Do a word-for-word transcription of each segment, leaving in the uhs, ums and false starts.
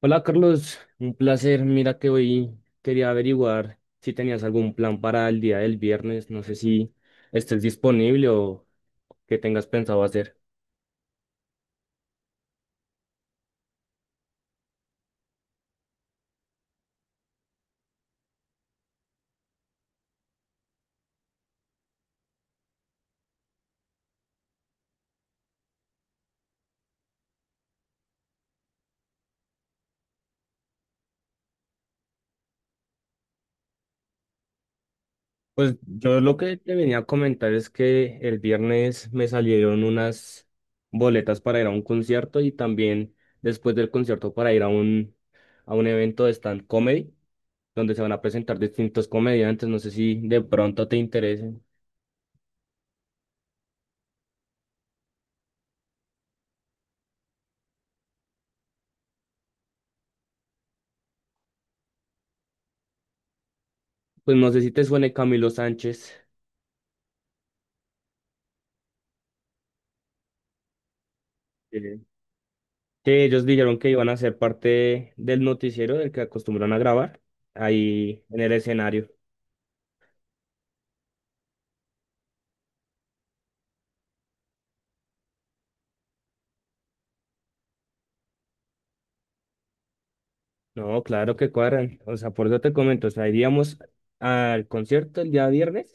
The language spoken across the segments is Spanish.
Hola Carlos, un placer. Mira que hoy quería averiguar si tenías algún plan para el día del viernes. No sé si estés disponible o qué tengas pensado hacer. Pues yo lo que te venía a comentar es que el viernes me salieron unas boletas para ir a un concierto y también después del concierto para ir a un, a un evento de stand comedy donde se van a presentar distintos comediantes. No sé si de pronto te interesen. Pues no sé si te suene Camilo Sánchez. eh, que ellos dijeron que iban a ser parte del noticiero del que acostumbran a grabar ahí en el escenario. No, claro que cuadran. O sea, por eso te comento, o sea, iríamos al concierto el día viernes,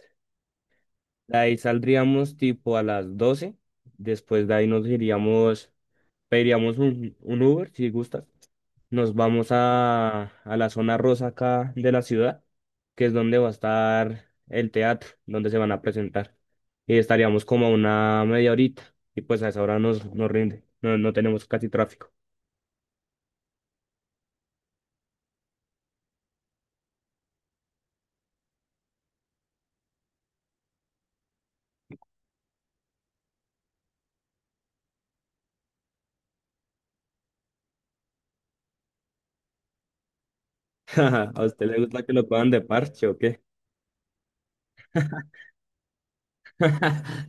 de ahí saldríamos tipo a las doce. Después de ahí nos iríamos, pediríamos un, un Uber si gustas. Nos vamos a, a la zona rosa acá de la ciudad, que es donde va a estar el teatro, donde se van a presentar. Y estaríamos como a una media horita. Y pues a esa hora nos, nos rinde. No, no tenemos casi tráfico. ¿A usted le gusta que lo puedan de parche o qué?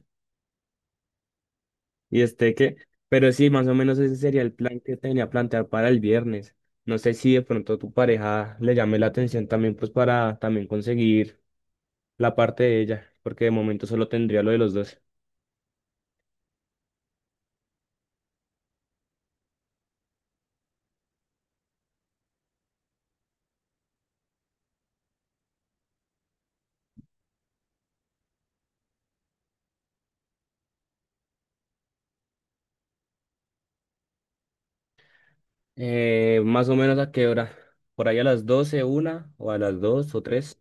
Y este qué, pero sí, más o menos ese sería el plan que tenía plantear para el viernes. No sé si de pronto tu pareja le llame la atención también, pues para también conseguir la parte de ella, porque de momento solo tendría lo de los dos. Eh, Más o menos a qué hora? Por ahí a las doce, una, o a las dos o tres.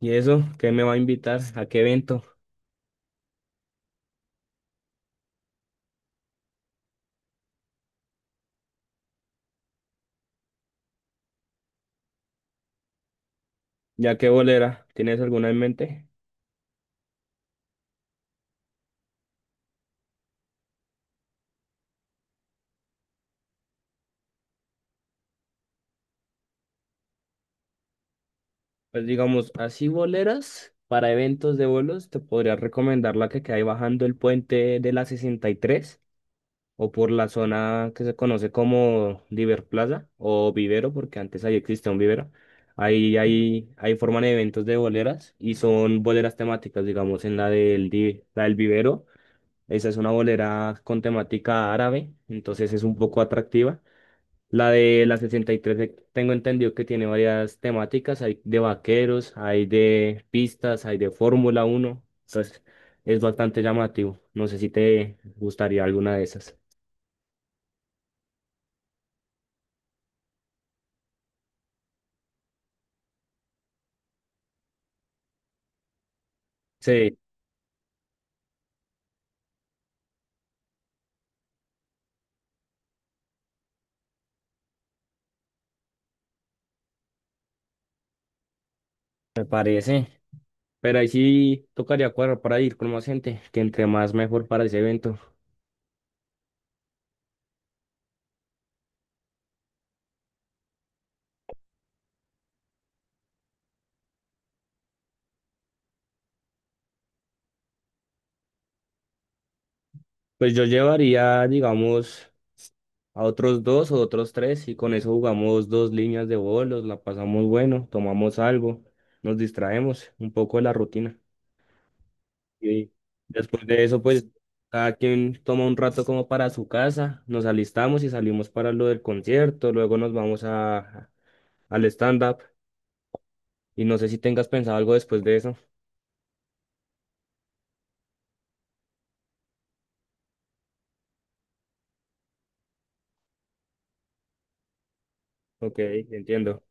¿Y eso? ¿Qué me va a invitar? ¿A qué evento? ¿Ya qué bolera? ¿Tienes alguna en mente? Pues digamos, así boleras para eventos de bolos, te podría recomendar la que queda ahí bajando el puente de la sesenta y tres, o por la zona que se conoce como Diverplaza o Vivero, porque antes ahí existía un vivero. Ahí, ahí, ahí forman eventos de boleras y son boleras temáticas, digamos, en la del, di- la del vivero. Esa es una bolera con temática árabe, entonces es un poco atractiva. La de la sesenta y tres, eh, tengo entendido que tiene varias temáticas, hay de vaqueros, hay de pistas, hay de Fórmula uno, entonces es bastante llamativo. No sé si te gustaría alguna de esas. Sí, me parece. Pero ahí sí tocaría cuadrar para ir con más gente, que entre más mejor para ese evento. Pues yo llevaría, digamos, a otros dos o otros tres, y con eso jugamos dos líneas de bolos, la pasamos bueno, tomamos algo, nos distraemos un poco de la rutina. Y después de eso, pues cada quien toma un rato como para su casa, nos alistamos y salimos para lo del concierto, luego nos vamos a, al stand-up y no sé si tengas pensado algo después de eso. Ok, entiendo.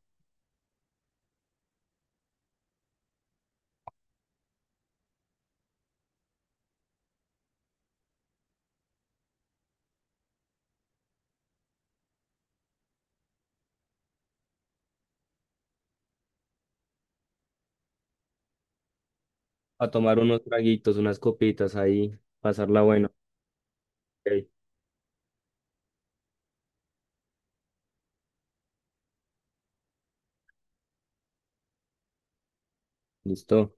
A tomar unos traguitos, unas copitas ahí, pasarla bueno. Ok, listo.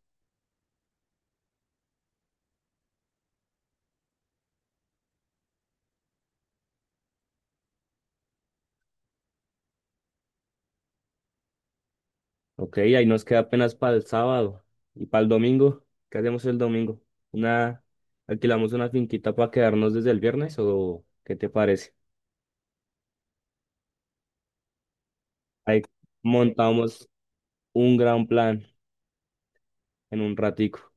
Ok, ahí nos queda apenas para el sábado. Y para el domingo, ¿qué hacemos el domingo? Una, alquilamos una finquita para quedarnos desde el viernes, o ¿qué te parece? Ahí montamos un gran plan en un ratico.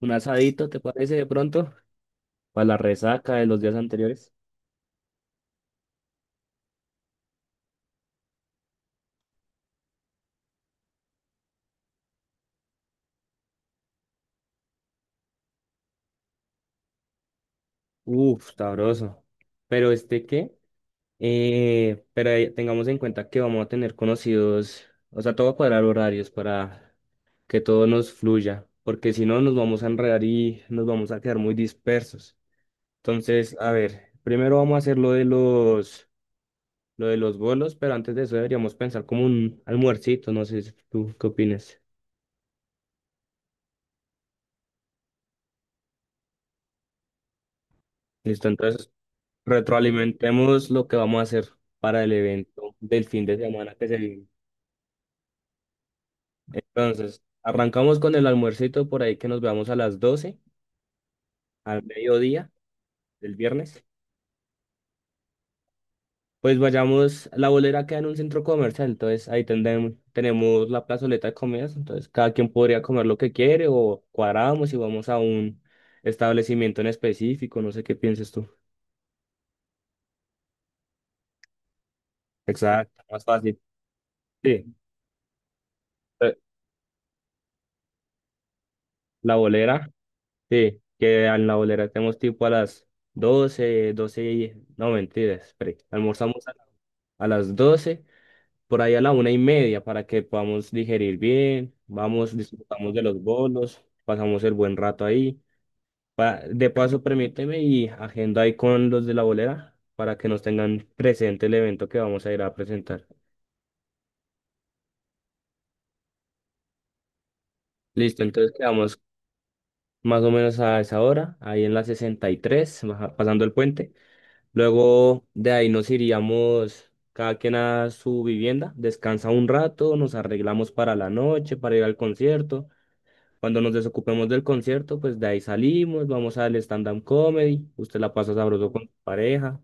Un asadito, ¿te parece de pronto? Para la resaca de los días anteriores. Uf, sabroso. ¿Pero este qué? Eh, pero ahí tengamos en cuenta que vamos a tener conocidos, o sea, todo cuadrar horarios para que todo nos fluya, porque si no nos vamos a enredar y nos vamos a quedar muy dispersos. Entonces, a ver, primero vamos a hacer lo de los, lo de los bolos, pero antes de eso deberíamos pensar como un almuercito, no sé si tú qué opinas. Listo, entonces retroalimentemos lo que vamos a hacer para el evento del fin de semana que se viene. Entonces, arrancamos con el almuercito por ahí que nos veamos a las doce al mediodía del viernes. Pues vayamos, la bolera queda en un centro comercial, entonces ahí tendremos, tenemos la plazoleta de comidas, entonces cada quien podría comer lo que quiere o cuadramos y vamos a un establecimiento en específico, no sé qué pienses tú. Exacto, más fácil. Sí, eh, la bolera, sí, que en la bolera tenemos tipo a las doce, doce y... No, mentiras, espere, almorzamos a, la- a las doce. Por ahí a la una y media para que podamos digerir bien, vamos, disfrutamos de los bolos, pasamos el buen rato ahí. Pa- de paso, permíteme y agenda ahí con los de la bolera para que nos tengan presente el evento que vamos a ir a presentar. Listo, entonces quedamos más o menos a esa hora, ahí en la sesenta y tres, baja- pasando el puente. Luego de ahí nos iríamos cada quien a su vivienda, descansa un rato, nos arreglamos para la noche, para ir al concierto. Cuando nos desocupemos del concierto, pues de ahí salimos, vamos al stand-up comedy, usted la pasa sabroso con su pareja.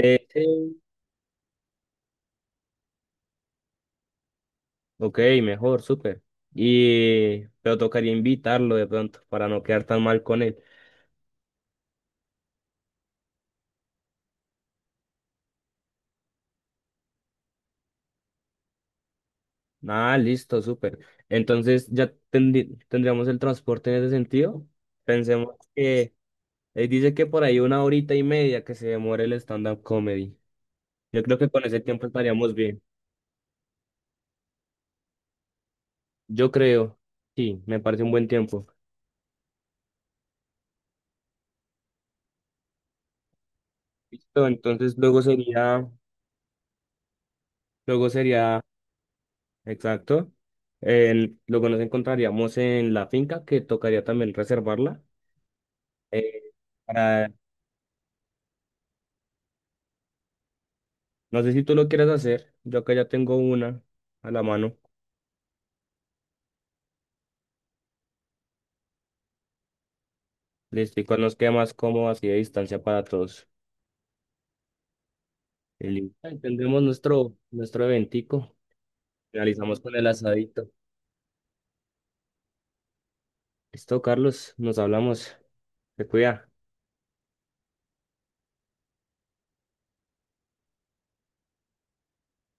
De sí. Ok, mejor, súper. Y pero tocaría invitarlo de pronto para no quedar tan mal con él. Ah, listo, súper. Entonces ya tendrí- tendríamos el transporte en ese sentido. Pensemos que él dice que por ahí una horita y media que se demore el stand-up comedy. Yo creo que con ese tiempo estaríamos bien. Yo creo, sí, me parece un buen tiempo. Listo, entonces luego sería, luego sería, exacto, el- luego nos encontraríamos en la finca que tocaría también reservarla. eh, para, no sé si tú lo quieres hacer, yo acá ya tengo una a la mano. Listo, y cuál nos queda más cómodo así de distancia para todos. Y listo, ahí nuestro, nuestro eventico, finalizamos con el asadito. Listo, Carlos, nos hablamos, te cuida.